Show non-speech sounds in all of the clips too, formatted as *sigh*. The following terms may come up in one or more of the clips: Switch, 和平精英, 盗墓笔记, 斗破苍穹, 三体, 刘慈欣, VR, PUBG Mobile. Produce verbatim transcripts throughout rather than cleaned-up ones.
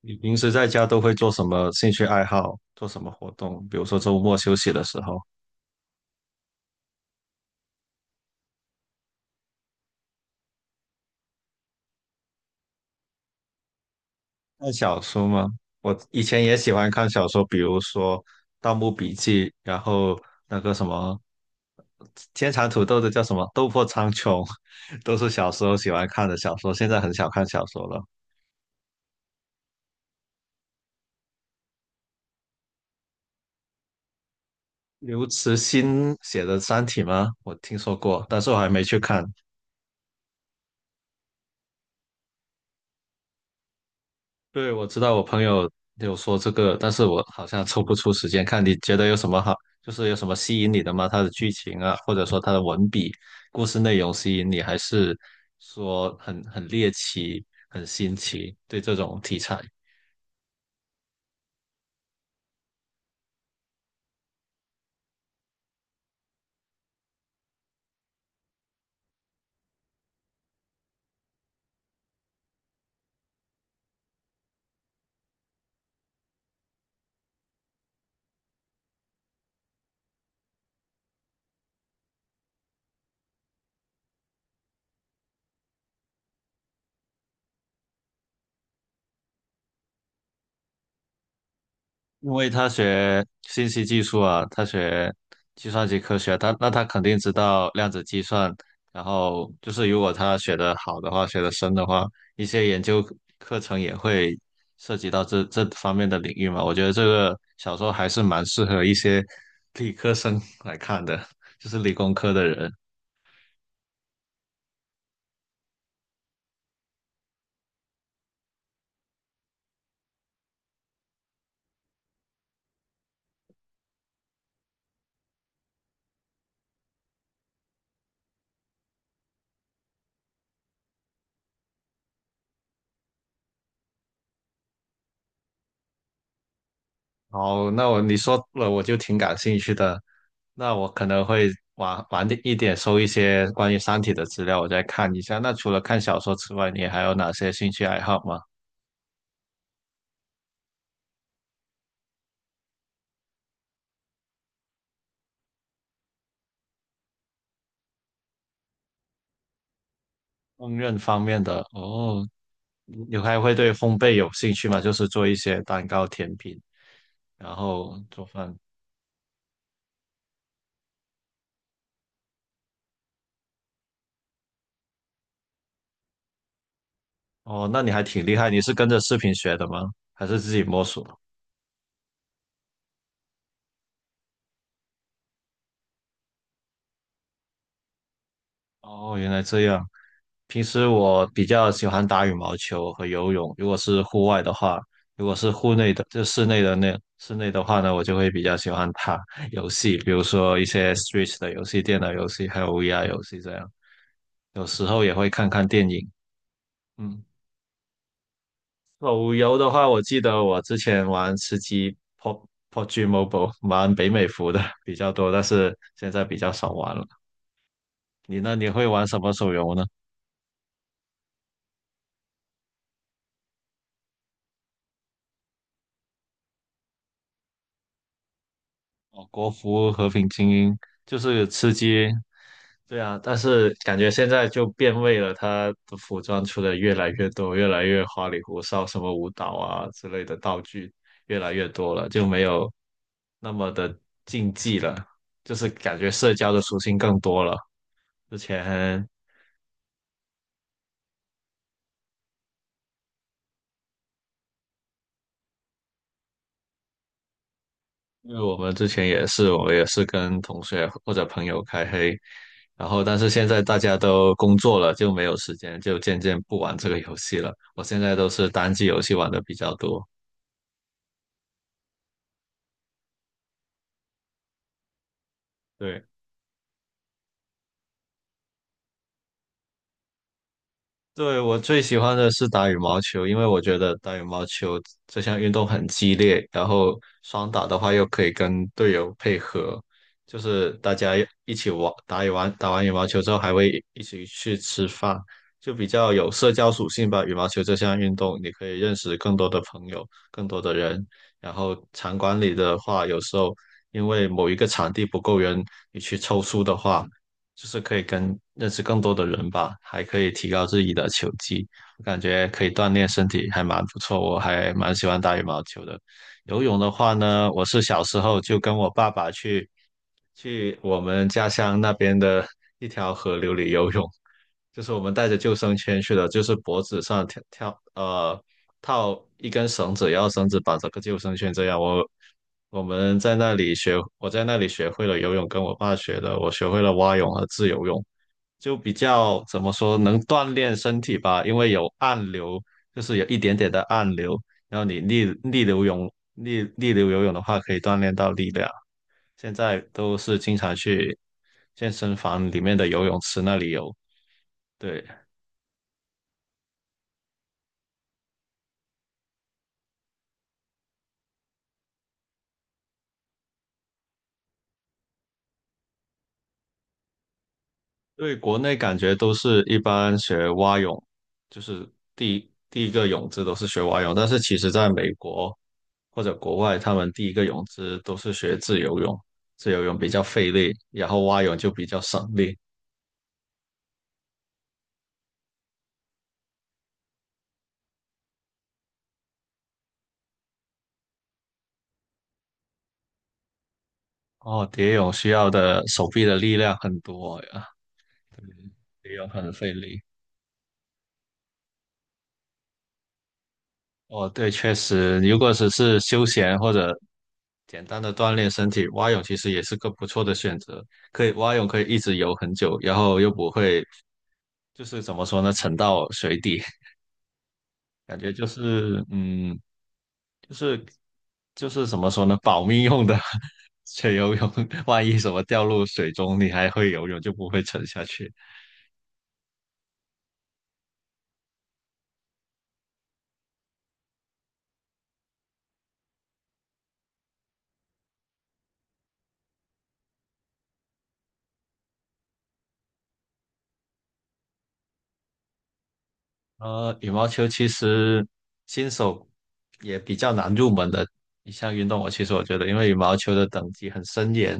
你平时在家都会做什么兴趣爱好，做什么活动？比如说周末休息的时候，看小说吗？我以前也喜欢看小说，比如说《盗墓笔记》，然后那个什么天蚕土豆的叫什么《斗破苍穹》，*laughs* 都是小时候喜欢看的小说，现在很少看小说了。刘慈欣写的《三体》吗？我听说过，但是我还没去看。对，我知道我朋友有说这个，但是我好像抽不出时间看。你觉得有什么好，就是有什么吸引你的吗？他的剧情啊，或者说他的文笔、故事内容吸引你，还是说很很猎奇、很新奇？对这种题材，因为他学信息技术啊，他学计算机科学，他那他肯定知道量子计算。然后就是，如果他学得好的话，学得深的话，一些研究课程也会涉及到这这方面的领域嘛。我觉得这个小说还是蛮适合一些理科生来看的，就是理工科的人。哦，那我你说了，我就挺感兴趣的。那我可能会晚晚点一点收一些关于《三体》的资料，我再看一下。那除了看小说之外，你还有哪些兴趣爱好吗？烹饪方面的哦，你你还会对烘焙有兴趣吗？就是做一些蛋糕、甜品，然后做饭。哦，那你还挺厉害，你是跟着视频学的吗？还是自己摸索？哦，原来这样。平时我比较喜欢打羽毛球和游泳，如果是户外的话，如果是户内的，就室内的那室内的话呢，我就会比较喜欢打 *laughs* 游戏，比如说一些 Switch 的游戏、电脑游戏，还有 V R 游戏这样。有时候也会看看电影。嗯，手游的话，我记得我之前玩吃鸡 PUB p U B g Mobile，玩北美服的 *laughs* 比较多，但是现在比较少玩了。你呢？你会玩什么手游呢？哦，国服和平精英就是吃鸡，对啊，但是感觉现在就变味了，它的服装出的越来越多，越来越花里胡哨，什么舞蹈啊之类的道具越来越多了，就没有那么的竞技了，就是感觉社交的属性更多了。之前因为我们之前也是，我也是跟同学或者朋友开黑，然后但是现在大家都工作了，就没有时间，就渐渐不玩这个游戏了。我现在都是单机游戏玩的比较多。对。对，我最喜欢的是打羽毛球，因为我觉得打羽毛球这项运动很激烈，然后双打的话又可以跟队友配合，就是大家一起玩，打羽完打完羽毛球之后还会一起去吃饭，就比较有社交属性吧。羽毛球这项运动，你可以认识更多的朋友，更多的人。然后场馆里的话，有时候因为某一个场地不够人，你去凑数的话。就是可以跟认识更多的人吧，还可以提高自己的球技，我感觉可以锻炼身体，还蛮不错。我还蛮喜欢打羽毛球的。游泳的话呢，我是小时候就跟我爸爸去去我们家乡那边的一条河流里游泳，就是我们带着救生圈去的，就是脖子上跳跳呃套一根绳子，然后绳子绑着个救生圈这样。我我们在那里学，我在那里学会了游泳，跟我爸学的，我学会了蛙泳和自由泳，就比较怎么说能锻炼身体吧，因为有暗流，就是有一点点的暗流，然后你逆逆流泳逆逆流游泳的话，可以锻炼到力量。现在都是经常去健身房里面的游泳池那里游，对。对，国内感觉都是一般学蛙泳，就是第一第一个泳姿都是学蛙泳，但是其实在美国或者国外，他们第一个泳姿都是学自由泳，自由泳比较费力，然后蛙泳就比较省力。哦，蝶泳需要的手臂的力量很多呀，对，蝶泳很费力。哦，对，确实，如果只是休闲或者简单的锻炼身体，蛙泳其实也是个不错的选择。可以蛙泳可以一直游很久，然后又不会就是怎么说呢，沉到水底，*laughs* 感觉就是嗯，就是就是怎么说呢，保命用的 *laughs* 学游泳，万一什么掉入水中，你还会游泳，就不会沉下去。呃，羽毛球其实新手也比较难入门的一项运动。我其实我觉得，因为羽毛球的等级很森严，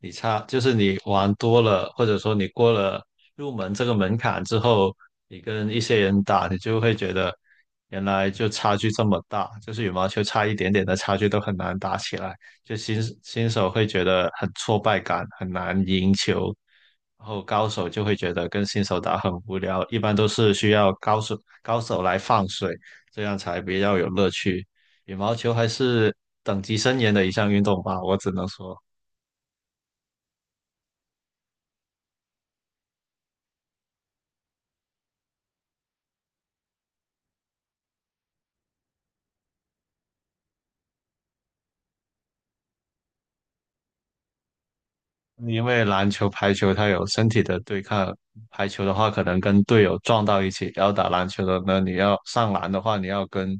你差就是你玩多了，或者说你过了入门这个门槛之后，你跟一些人打，你就会觉得原来就差距这么大，就是羽毛球差一点点的差距都很难打起来，就新新手会觉得很挫败感，很难赢球。然后高手就会觉得跟新手打很无聊，一般都是需要高手高手来放水，这样才比较有乐趣。羽毛球还是等级森严的一项运动吧，我只能说，因为篮球、排球它有身体的对抗，排球的话可能跟队友撞到一起，然后打篮球的呢，你要上篮的话，你要跟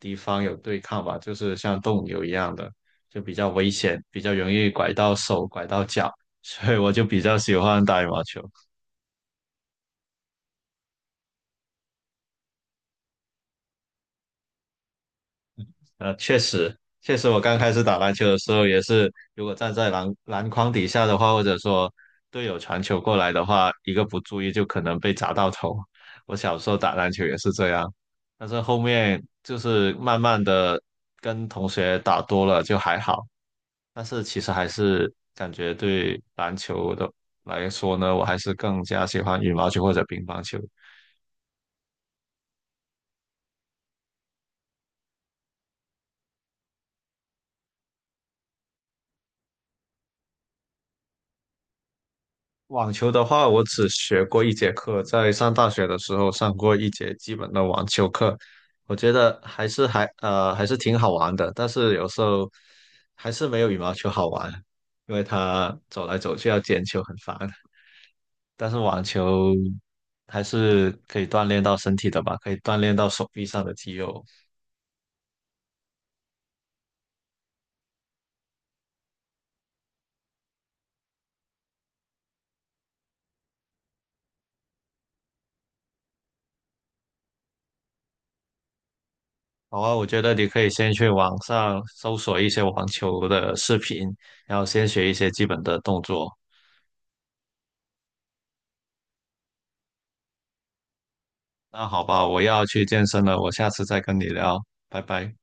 敌方有对抗吧，就是像斗牛一样的，就比较危险，比较容易拐到手、拐到脚，所以我就比较喜欢打羽毛球。呃，确实，确实，我刚开始打篮球的时候也是，如果站在篮篮筐底下的话，或者说队友传球过来的话，一个不注意就可能被砸到头。我小时候打篮球也是这样，但是后面就是慢慢的跟同学打多了就还好，但是其实还是感觉对篮球的来说呢，我还是更加喜欢羽毛球或者乒乓球。网球的话，我只学过一节课，在上大学的时候上过一节基本的网球课，我觉得还是还呃还是挺好玩的，但是有时候还是没有羽毛球好玩，因为它走来走去要捡球很烦。但是网球还是可以锻炼到身体的吧，可以锻炼到手臂上的肌肉。好啊，我觉得你可以先去网上搜索一些网球的视频，然后先学一些基本的动作。那好吧，我要去健身了，我下次再跟你聊，拜拜。